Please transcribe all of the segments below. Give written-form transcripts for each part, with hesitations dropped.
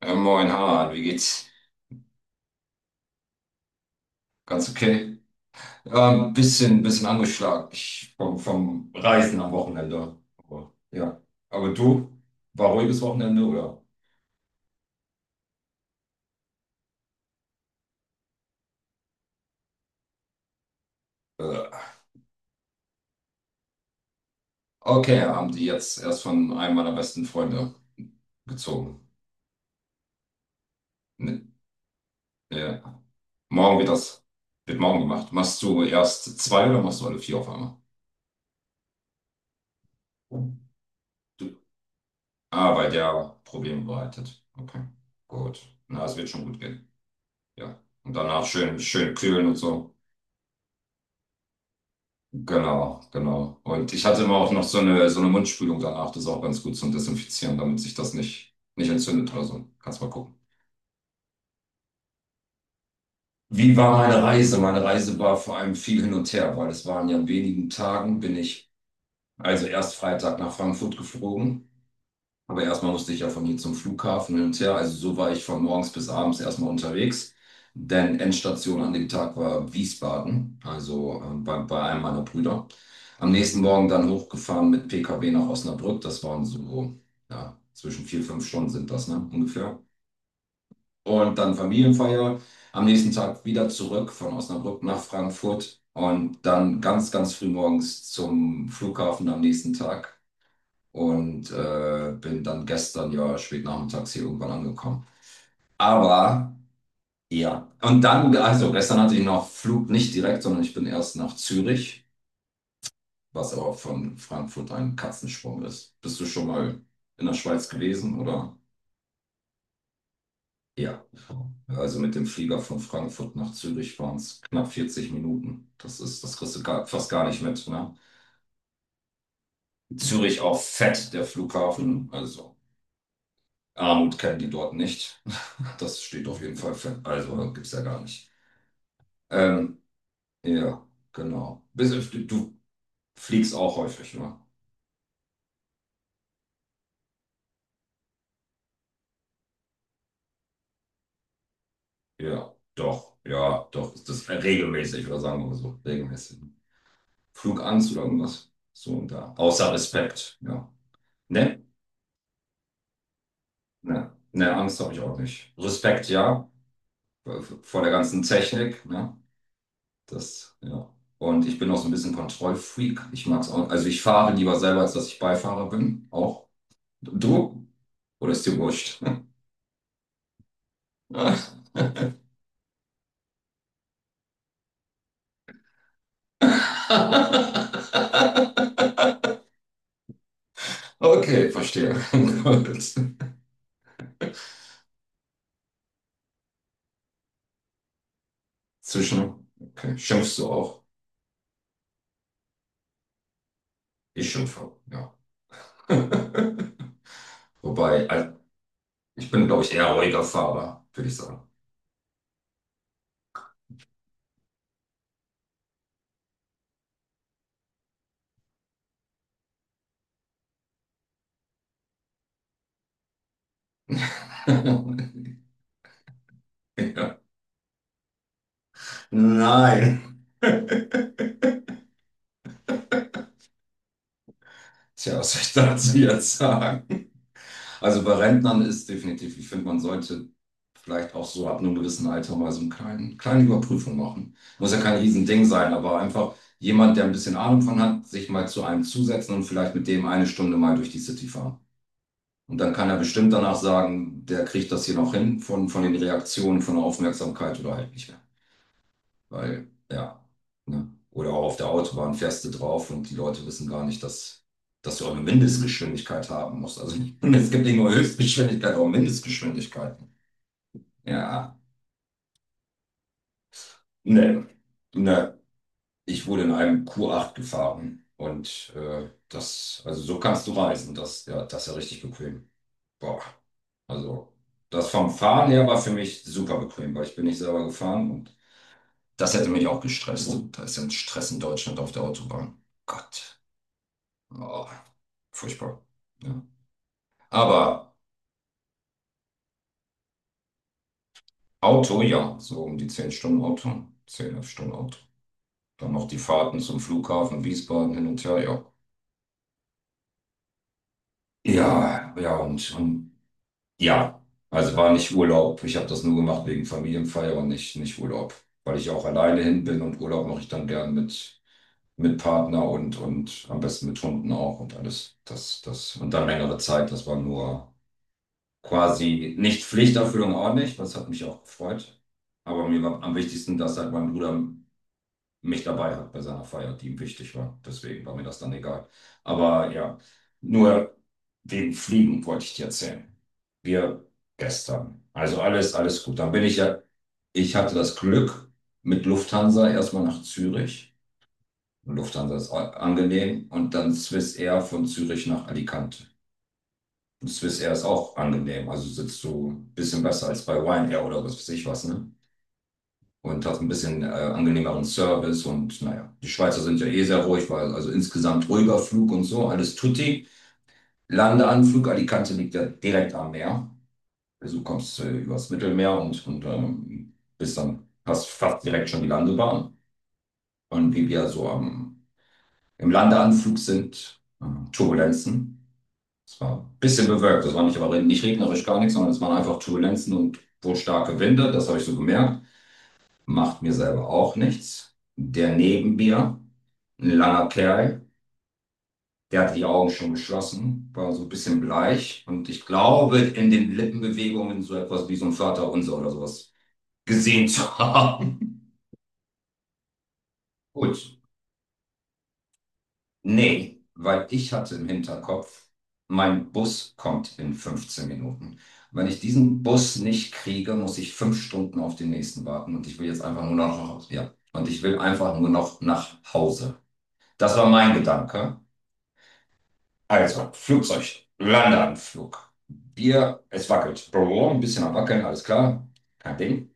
Moin, Harald, wie geht's? Ganz okay. Bisschen angeschlagen ich, vom Reisen am Wochenende. Aber, ja. Aber du, war ruhiges Wochenende, oder? Äh, okay, haben die jetzt erst von einem meiner besten Freunde gezogen. Ne, ja. Morgen wird das, wird morgen gemacht. Machst du erst zwei oder machst du alle vier auf einmal? Du, weil der Probleme bereitet. Okay, gut. Na, es wird schon gut gehen. Ja. Und danach schön, schön kühlen und so. Genau, genau. Und ich hatte immer auch noch so eine Mundspülung danach, das ist auch ganz gut zum Desinfizieren, damit sich das nicht entzündet oder so. Kannst mal gucken. Wie war meine Reise? Meine Reise war vor allem viel hin und her, weil es waren ja in wenigen Tagen, bin ich also erst Freitag nach Frankfurt geflogen. Aber erstmal musste ich ja von hier zum Flughafen hin und her. Also so war ich von morgens bis abends erstmal unterwegs. Denn Endstation an dem Tag war Wiesbaden, also bei einem meiner Brüder. Am nächsten Morgen dann hochgefahren mit PKW nach Osnabrück. Das waren so, ja, zwischen 4, 5 Stunden sind das, ne, ungefähr. Und dann Familienfeier. Am nächsten Tag wieder zurück von Osnabrück nach Frankfurt. Und dann ganz, ganz früh morgens zum Flughafen am nächsten Tag und bin dann gestern ja spät nachmittags hier irgendwann angekommen. Aber ja, und dann, also gestern hatte ich noch Flug nicht direkt, sondern ich bin erst nach Zürich, was aber von Frankfurt ein Katzensprung ist. Bist du schon mal in der Schweiz gewesen oder? Ja, also mit dem Flieger von Frankfurt nach Zürich waren es knapp 40 Minuten. Das ist, das kriegst du gar, fast gar nicht mit, ne? Zürich auch fett, der Flughafen, also. Armut kennen die dort nicht. Das steht auf jeden Fall fest. Also gibt es ja gar nicht. Ähm, ja, genau. Du fliegst auch häufig, ne? Ja, doch. Ja, doch. Das ist regelmäßig, oder sagen wir mal so. Regelmäßig. Flugangst oder irgendwas. So und da. Außer Respekt, ja. Ne? Ne, ne, Angst habe ich auch nicht. Respekt, ja. Vor der ganzen Technik, ne? Das, ja. Und ich bin auch so ein bisschen Kontrollfreak. Ich mag es auch. Also ich fahre lieber selber, als dass ich Beifahrer bin. Auch. Du? Oder ist dir wurscht? Okay, verstehe. Gut. Okay. Schimpfst du auch? Ich schimpfe, ja. Wobei, ich bin, glaube ich, eher ruhiger Fahrer, würde ich sagen. Ja. Nein. Tja, was soll ich dazu jetzt sagen? Also bei Rentnern ist definitiv, ich finde, man sollte vielleicht auch so ab einem gewissen Alter mal so eine kleine Überprüfung machen. Muss ja kein Riesending sein, aber einfach jemand, der ein bisschen Ahnung von hat, sich mal zu einem zusetzen und vielleicht mit dem eine Stunde mal durch die City fahren. Und dann kann er bestimmt danach sagen, der kriegt das hier noch hin von den Reaktionen, von der Aufmerksamkeit oder halt nicht mehr. Weil, ja, ne? Oder auch auf der Autobahn fährst du drauf und die Leute wissen gar nicht, dass du auch eine Mindestgeschwindigkeit haben musst. Also es gibt nicht nur Höchstgeschwindigkeit, auch Mindestgeschwindigkeiten. Ja, ne, ne. Ich wurde in einem Q8 gefahren und das, also so kannst du reisen. Das, ja, das ist ja richtig bequem. Boah, also das vom Fahren her war für mich super bequem, weil ich bin nicht selber gefahren und das hätte mich auch gestresst. Da ist ja ein Stress in Deutschland auf der Autobahn. Gott. Oh, furchtbar. Ja. Aber Auto, ja, so um die 10 Stunden Auto, 10, 11 Stunden Auto. Dann noch die Fahrten zum Flughafen, Wiesbaden hin und her, ja. Ja, ja, und ja, also war nicht Urlaub. Ich habe das nur gemacht wegen Familienfeier und nicht Urlaub, weil ich auch alleine hin bin und Urlaub mache ich dann gern mit Partner und am besten mit Hunden auch und alles. Und dann längere Zeit, das war nur. Quasi nicht Pflichterfüllung ordentlich, das hat mich auch gefreut. Aber mir war am wichtigsten, dass halt mein Bruder mich dabei hat bei seiner Feier, die ihm wichtig war. Deswegen war mir das dann egal. Aber ja, nur wegen Fliegen wollte ich dir erzählen. Wir gestern. Also alles, alles gut. Dann bin ich ja, ich hatte das Glück mit Lufthansa erstmal nach Zürich. Lufthansa ist angenehm und dann Swissair von Zürich nach Alicante. Swiss Air ist auch angenehm. Also sitzt du ein bisschen besser als bei Ryanair oder was weiß ich was, ne? Und hast ein bisschen angenehmeren Service und naja, die Schweizer sind ja eh sehr ruhig, weil also insgesamt ruhiger Flug und so, alles tutti. Landeanflug, Alicante liegt ja direkt am Meer. Also du kommst übers Mittelmeer und bist dann fast, fast direkt schon die Landebahn. Und wie wir so im Landeanflug sind, Turbulenzen. Es war ein bisschen bewölkt, es war nicht, aber nicht regnerisch, gar nichts, sondern es waren einfach Turbulenzen und wohl starke Winde, das habe ich so gemerkt. Macht mir selber auch nichts. Der neben mir, ein langer Kerl, der hatte die Augen schon geschlossen, war so ein bisschen bleich und ich glaube, in den Lippenbewegungen so etwas wie so ein Vaterunser oder sowas gesehen zu haben. Gut, nee, weil ich hatte im Hinterkopf, mein Bus kommt in 15 Minuten. Wenn ich diesen Bus nicht kriege, muss ich 5 Stunden auf den nächsten warten und ich will jetzt einfach nur noch nach Hause. Ja, und ich will einfach nur noch nach Hause. Das war mein Gedanke. Also, Flugzeug, Landeanflug. Bier, es wackelt. Brrr, ein bisschen am Wackeln, alles klar. Kein Ding.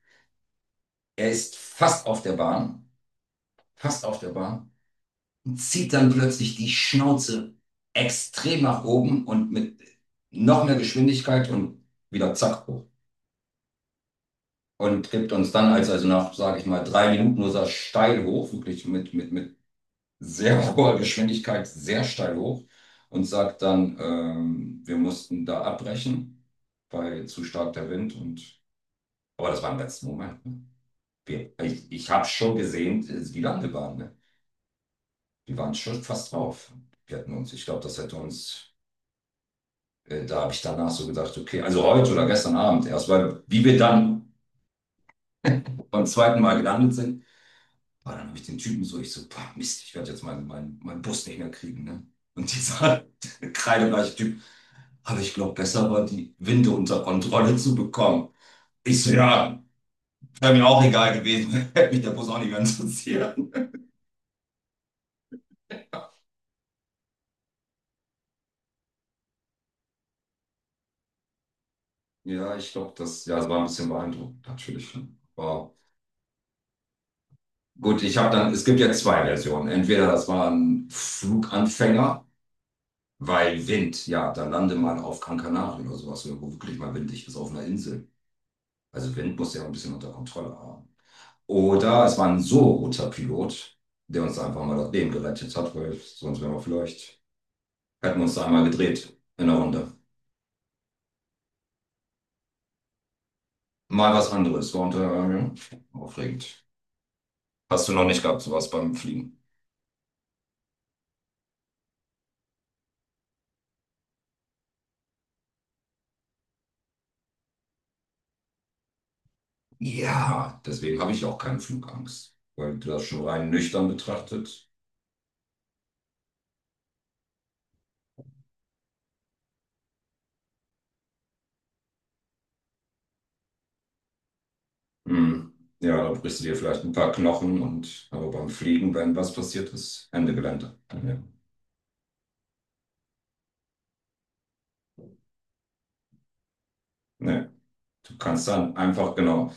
Er ist fast auf der Bahn. Fast auf der Bahn. Und zieht dann plötzlich die Schnauze extrem nach oben und mit noch mehr Geschwindigkeit und wieder zack hoch. Und gibt uns dann, als also nach, sage ich mal, 3 Minuten nur so steil hoch, wirklich mit sehr hoher Geschwindigkeit, sehr steil hoch und sagt dann, wir mussten da abbrechen, weil zu stark der Wind aber das war im letzten Moment. Ne? Wir, ich ich habe schon gesehen, wie lange wir waren. Ne? Die waren schon fast drauf. Wir hätten uns, ich glaube, das hätte uns da habe ich danach so gedacht, okay, also heute oder gestern Abend erst, weil wie wir dann beim zweiten Mal gelandet sind, war dann habe ich den Typen so, ich so, boah, Mist, ich werde jetzt mein Bus nicht mehr kriegen. Ne? Und dieser kreidebleiche Typ, aber ich glaube, besser war die Winde unter Kontrolle zu bekommen. Ich so, ja, wäre mir auch egal gewesen, hätte mich der Bus auch nicht mehr interessiert. Ja, ich glaube, das, ja, das war ein bisschen beeindruckend, natürlich, ne? Wow. Gut, ich habe dann, es gibt ja zwei Versionen. Entweder das war ein Fluganfänger, weil Wind, ja, dann lande mal auf Gran Canaria oder sowas, wo wirklich mal windig ist auf einer Insel. Also Wind muss ja auch ein bisschen unter Kontrolle haben. Oder es war ein so guter Pilot, der uns einfach mal das Leben gerettet hat, weil sonst wären wir vielleicht, hätten wir uns da einmal gedreht in der Runde. Mal was anderes. War unter, ja, aufregend. Hast du noch nicht gehabt, sowas beim Fliegen? Ja, deswegen habe ich auch keine Flugangst. Weil du das schon rein nüchtern betrachtet, hm. Ja, da brichst du dir vielleicht ein paar Knochen und aber beim Fliegen, wenn was passiert ist, Ende Gelände. Ja. Nee. Du kannst dann einfach, genau.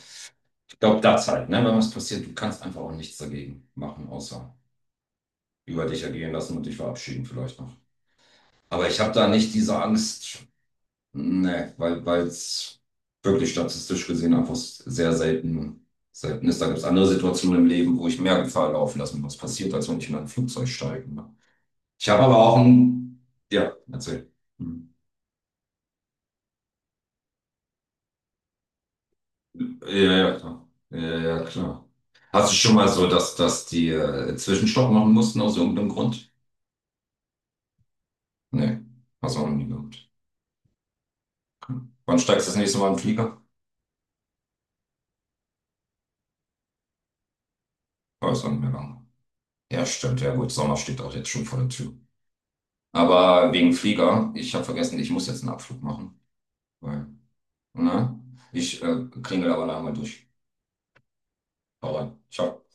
Ich glaube, das halt, ne, wenn was passiert, du kannst einfach auch nichts dagegen machen, außer über dich ergehen lassen und dich verabschieden vielleicht noch. Aber ich habe da nicht diese Angst, ne, weil es wirklich statistisch gesehen einfach sehr selten ist. Da gibt es andere Situationen im Leben, wo ich mehr Gefahr laufen lasse, was passiert, als wenn ich in ein Flugzeug steige, ne. Ich habe aber auch ein. Ja, erzähl. Hm. Ja, ja, klar. Ja, ja, klar. Hast du schon mal so, dass die Zwischenstopp machen mussten aus irgendeinem Grund? Nee, hast du auch noch nie gehabt. Okay. Wann steigst du das nächste Mal in den Flieger? Oh, ist auch nicht mehr lang. Ja, stimmt. Ja gut, Sommer steht auch jetzt schon vor der Tür. Aber wegen Flieger, ich habe vergessen, ich muss jetzt einen Abflug machen. Weil, ne? Ich klingel aber nachher mal durch. Hau rein. Ciao.